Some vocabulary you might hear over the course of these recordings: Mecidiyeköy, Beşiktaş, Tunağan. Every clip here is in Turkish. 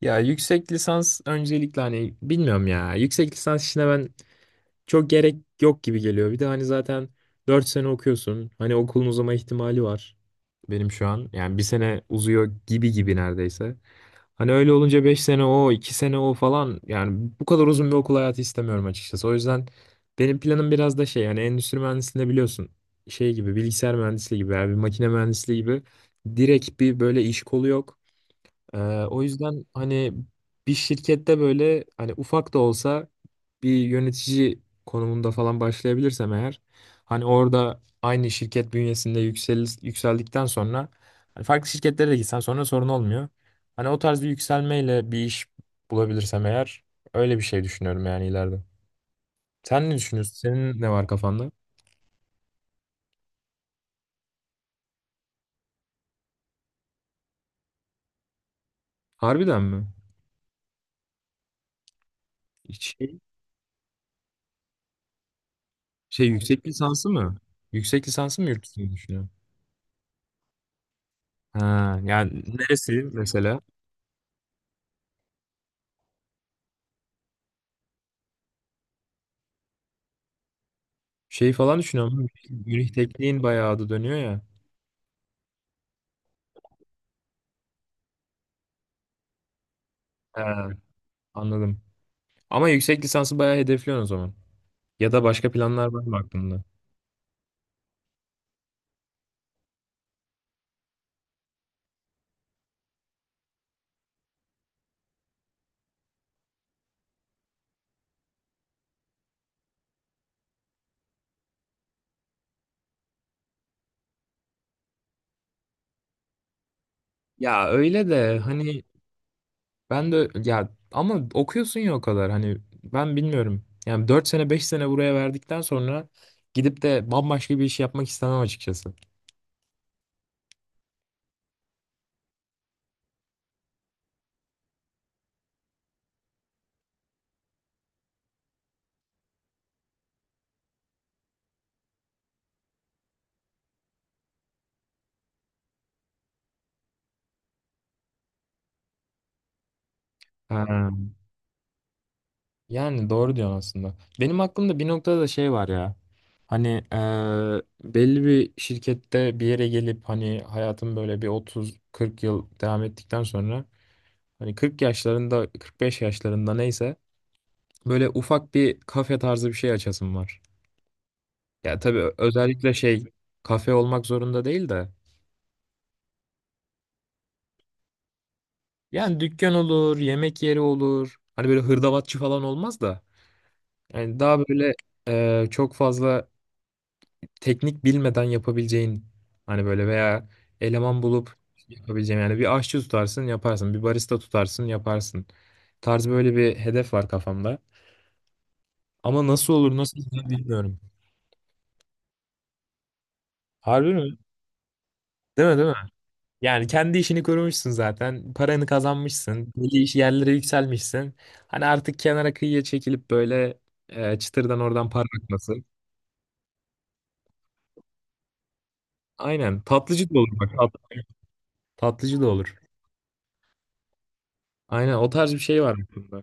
Ya yüksek lisans öncelikle hani bilmiyorum ya. Yüksek lisans işine ben çok gerek yok gibi geliyor. Bir de hani zaten 4 sene okuyorsun. Hani okulun uzama ihtimali var benim şu an. Yani bir sene uzuyor gibi gibi neredeyse. Hani öyle olunca 5 sene o, 2 sene o falan yani bu kadar uzun bir okul hayatı istemiyorum açıkçası. O yüzden benim planım biraz da şey yani endüstri mühendisliğinde biliyorsun şey gibi bilgisayar mühendisliği gibi yani bir makine mühendisliği gibi direkt bir böyle iş kolu yok. Ee, o yüzden hani bir şirkette böyle hani ufak da olsa bir yönetici konumunda falan başlayabilirsem eğer hani orada aynı şirket bünyesinde yükseldikten sonra hani farklı şirketlere de gitsen sonra sorun olmuyor. Hani o tarz bir yükselmeyle bir iş bulabilirsem eğer öyle bir şey düşünüyorum yani ileride. Sen ne düşünüyorsun? Senin ne var kafanda? Harbiden mi? Şey, şey yüksek lisansı mı? Yüksek lisansı mı yurt dışında düşünüyorsun? Ha, yani neresi mesela? Şey falan düşünüyorum. Münih Tekniğin bayağı adı dönüyor ya. Ha, anladım. Ama yüksek lisansı bayağı hedefliyorsun o zaman. Ya da başka planlar var mı aklında? Ya öyle de hani ben de ya ama okuyorsun ya o kadar hani ben bilmiyorum. Yani 4 sene 5 sene buraya verdikten sonra gidip de bambaşka bir iş yapmak istemem açıkçası. Ha. Yani doğru diyorsun aslında. Benim aklımda bir noktada da şey var ya. Hani belli bir şirkette bir yere gelip hani hayatım böyle bir 30-40 yıl devam ettikten sonra hani 40 yaşlarında 45 yaşlarında neyse böyle ufak bir kafe tarzı bir şey açasım var. Ya tabii özellikle şey kafe olmak zorunda değil de yani dükkan olur, yemek yeri olur. Hani böyle hırdavatçı falan olmaz da yani daha böyle çok fazla teknik bilmeden yapabileceğin hani böyle veya eleman bulup yapabileceğin yani bir aşçı tutarsın yaparsın bir barista tutarsın yaparsın tarzı böyle bir hedef var kafamda. Ama nasıl olur nasıl gider bilmiyorum. Harbi mi? Değil mi? Değil mi? Yani kendi işini kurmuşsun zaten. Paranı kazanmışsın. Belli iş yerlere yükselmişsin. Hani artık kenara kıyıya çekilip böyle çıtırdan oradan para akması. Aynen. Tatlıcı da olur bak. Tatlıcı da olur. Aynen o tarz bir şey var aklımda.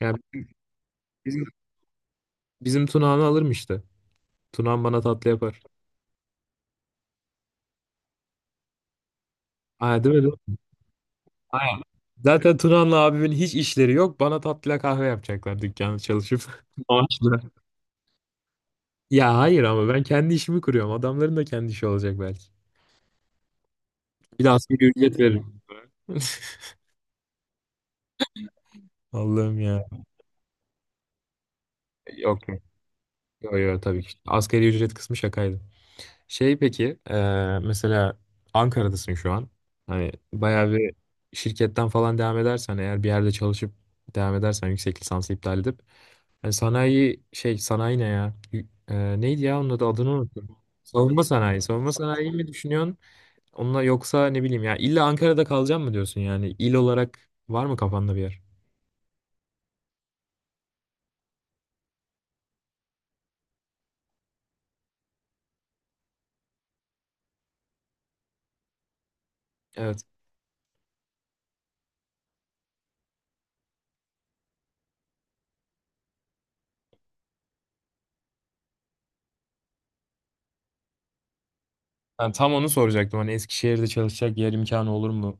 Yani bizim Tunağan'ı alırım işte. Tunağan bana tatlı yapar. Aa, değil mi? Değil mi? Aynen. Zaten Tunağan'la abimin hiç işleri yok. Bana tatlıya kahve yapacaklar dükkanda çalışıp. Maaşla. Ya hayır ama ben kendi işimi kuruyorum. Adamların da kendi işi olacak belki. Bir de asgari ücret veririm. Allah'ım ya. Yok yok. Yok yok tabii ki. Asgari ücret kısmı şakaydı. Şey peki, mesela Ankara'dasın şu an. Hani bayağı bir şirketten falan devam edersen eğer bir yerde çalışıp devam edersen yüksek lisansı iptal edip hani sanayi şey sanayi ne ya? Neydi ya onun adını unuttum. Savunma sanayi. Savunma sanayi mi düşünüyorsun? Onunla yoksa ne bileyim ya illa Ankara'da kalacağım mı diyorsun yani? İl olarak var mı kafanda bir yer? Evet. Ben tam onu soracaktım. Hani Eskişehir'de çalışacak yer imkanı olur mu?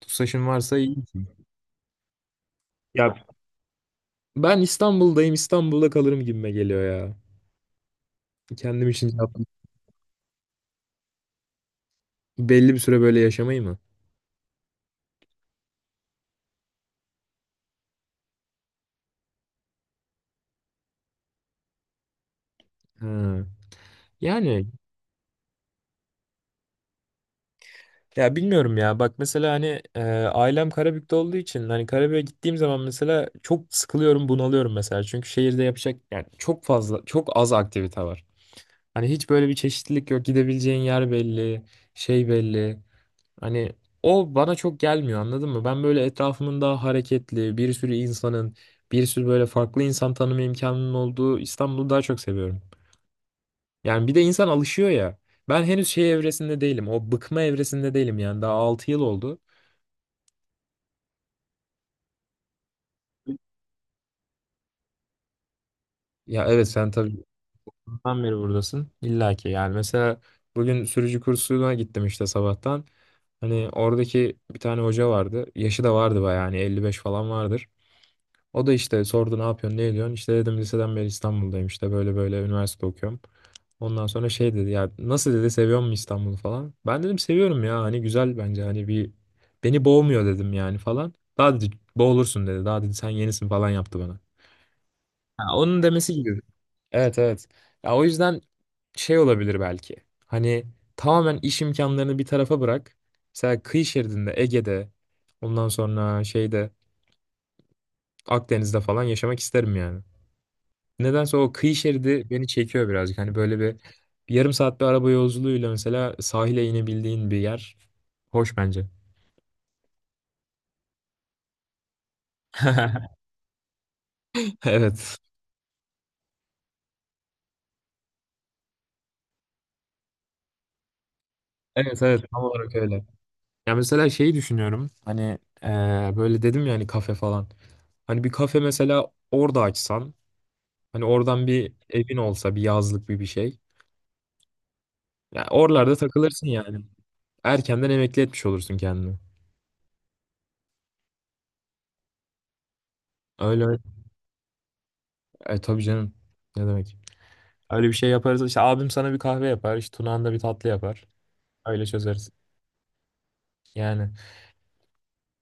TUSAŞ'ın varsa iyi. Ya ben İstanbul'dayım, İstanbul'da kalırım gibime geliyor ya. Kendim için yaptım. Belli bir süre böyle yaşamayı mı? Ha. Yani ya bilmiyorum ya. Bak mesela hani ailem Karabük'te olduğu için hani Karabük'e gittiğim zaman mesela çok sıkılıyorum, bunalıyorum mesela. Çünkü şehirde yapacak yani çok fazla, çok az aktivite var. Hani hiç böyle bir çeşitlilik yok. Gidebileceğin yer belli, şey belli. Hani o bana çok gelmiyor anladın mı? Ben böyle etrafımın daha hareketli, bir sürü insanın, bir sürü böyle farklı insan tanıma imkanının olduğu İstanbul'u daha çok seviyorum. Yani bir de insan alışıyor ya. Ben henüz şey evresinde değilim. O bıkma evresinde değilim yani. Daha 6 yıl oldu. Ya evet sen tabii ondan beri buradasın. İlla ki yani mesela bugün sürücü kursuna gittim işte sabahtan. Hani oradaki bir tane hoca vardı. Yaşı da vardı bayağı hani 55 falan vardır. O da işte sordu ne yapıyorsun ne ediyorsun işte dedim liseden beri İstanbul'dayım işte böyle böyle üniversite okuyorum. Ondan sonra şey dedi ya nasıl dedi seviyor musun İstanbul'u falan. Ben dedim seviyorum ya hani güzel bence hani bir beni boğmuyor dedim yani falan. Daha dedi boğulursun dedi daha dedi sen yenisin falan yaptı bana. Ha, onun demesi gibi. Evet evet. Ya o yüzden şey olabilir belki. Hani tamamen iş imkanlarını bir tarafa bırak. Mesela kıyı şeridinde Ege'de ondan sonra şeyde Akdeniz'de falan yaşamak isterim yani. Nedense o kıyı şeridi beni çekiyor birazcık. Hani böyle bir yarım saat bir araba yolculuğuyla mesela sahile inebildiğin bir yer. Hoş bence. Evet. Evet evet tam olarak öyle. Ya mesela şeyi düşünüyorum. Hani böyle dedim ya hani kafe falan. Hani bir kafe mesela orada açsan. Hani oradan bir evin olsa bir yazlık bir şey. Ya oralarda takılırsın yani. Erkenden emekli etmiş olursun kendini. Öyle öyle. E, tabii canım. Ne demek? Öyle bir şey yaparız. İşte abim sana bir kahve yapar. İşte Tunağan da bir tatlı yapar. Öyle çözeriz. Yani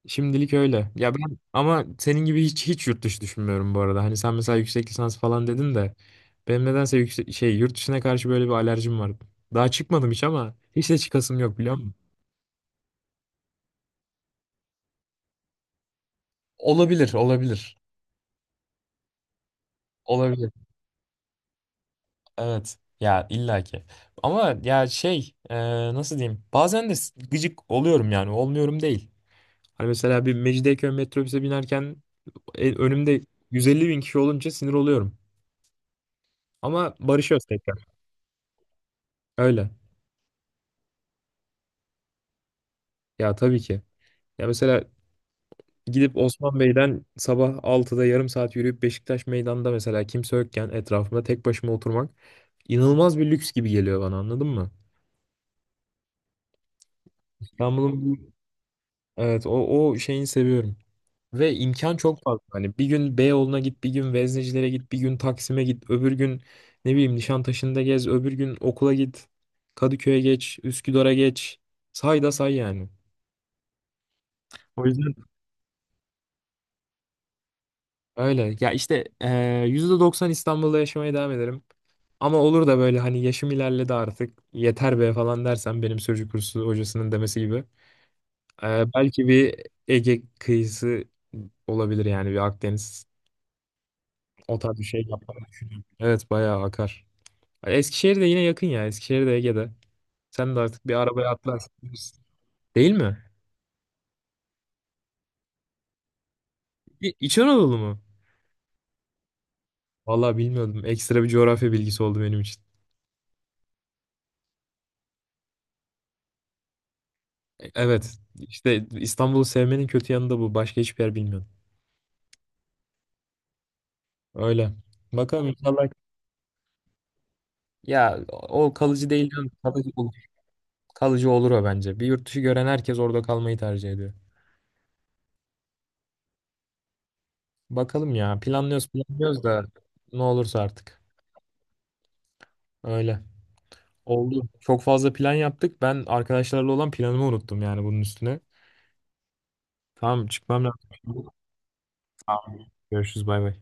şimdilik öyle. Ya ben ama senin gibi hiç hiç yurt dışı düşünmüyorum bu arada. Hani sen mesela yüksek lisans falan dedin de benim nedense şey yurt dışına karşı böyle bir alerjim var. Daha çıkmadım hiç ama hiç de çıkasım yok biliyor musun? Olabilir, olabilir. Olabilir. Evet. Ya illaki. Ama ya şey nasıl diyeyim? Bazen de gıcık oluyorum yani. Olmuyorum değil. Hani mesela bir Mecidiyeköy metrobüse binerken önümde 150 bin kişi olunca sinir oluyorum. Ama barışıyoruz tekrar. Öyle. Ya tabii ki. Ya mesela gidip Osman Bey'den sabah 6'da yarım saat yürüyüp Beşiktaş meydanda mesela kimse yokken etrafımda tek başıma oturmak inanılmaz bir lüks gibi geliyor bana anladın mı? İstanbul'un. Evet. O şeyini seviyorum. Ve imkan çok fazla. Hani bir gün Beyoğlu'na git, bir gün Veznecilere git, bir gün Taksim'e git, öbür gün ne bileyim Nişantaşı'nda gez, öbür gün okula git, Kadıköy'e geç, Üsküdar'a geç. Say da say yani. O yüzden öyle. Ya işte %90 İstanbul'da yaşamaya devam ederim. Ama olur da böyle hani yaşım ilerledi artık yeter be falan dersen benim sürücü kursu hocasının demesi gibi. Belki bir Ege kıyısı olabilir yani bir Akdeniz. O tarz bir şey yapmayı düşünüyorum. Evet bayağı akar. Eskişehir de yine yakın ya. Eskişehir de Ege'de. Sen de artık bir arabaya atlarsın. Değil mi? İç Anadolu mu? Vallahi bilmiyordum. Ekstra bir coğrafya bilgisi oldu benim için. Evet. İşte İstanbul'u sevmenin kötü yanı da bu. Başka hiçbir yer bilmiyorum. Öyle. Bakalım inşallah. Ya o kalıcı değil, canım. Kalıcı olur. Kalıcı olur o bence. Bir yurt dışı gören herkes orada kalmayı tercih ediyor. Bakalım ya. Planlıyoruz planlıyoruz da ne olursa artık. Öyle. Oldu. Çok fazla plan yaptık. Ben arkadaşlarla olan planımı unuttum yani bunun üstüne. Tamam çıkmam lazım. Tamam. Görüşürüz bay bay.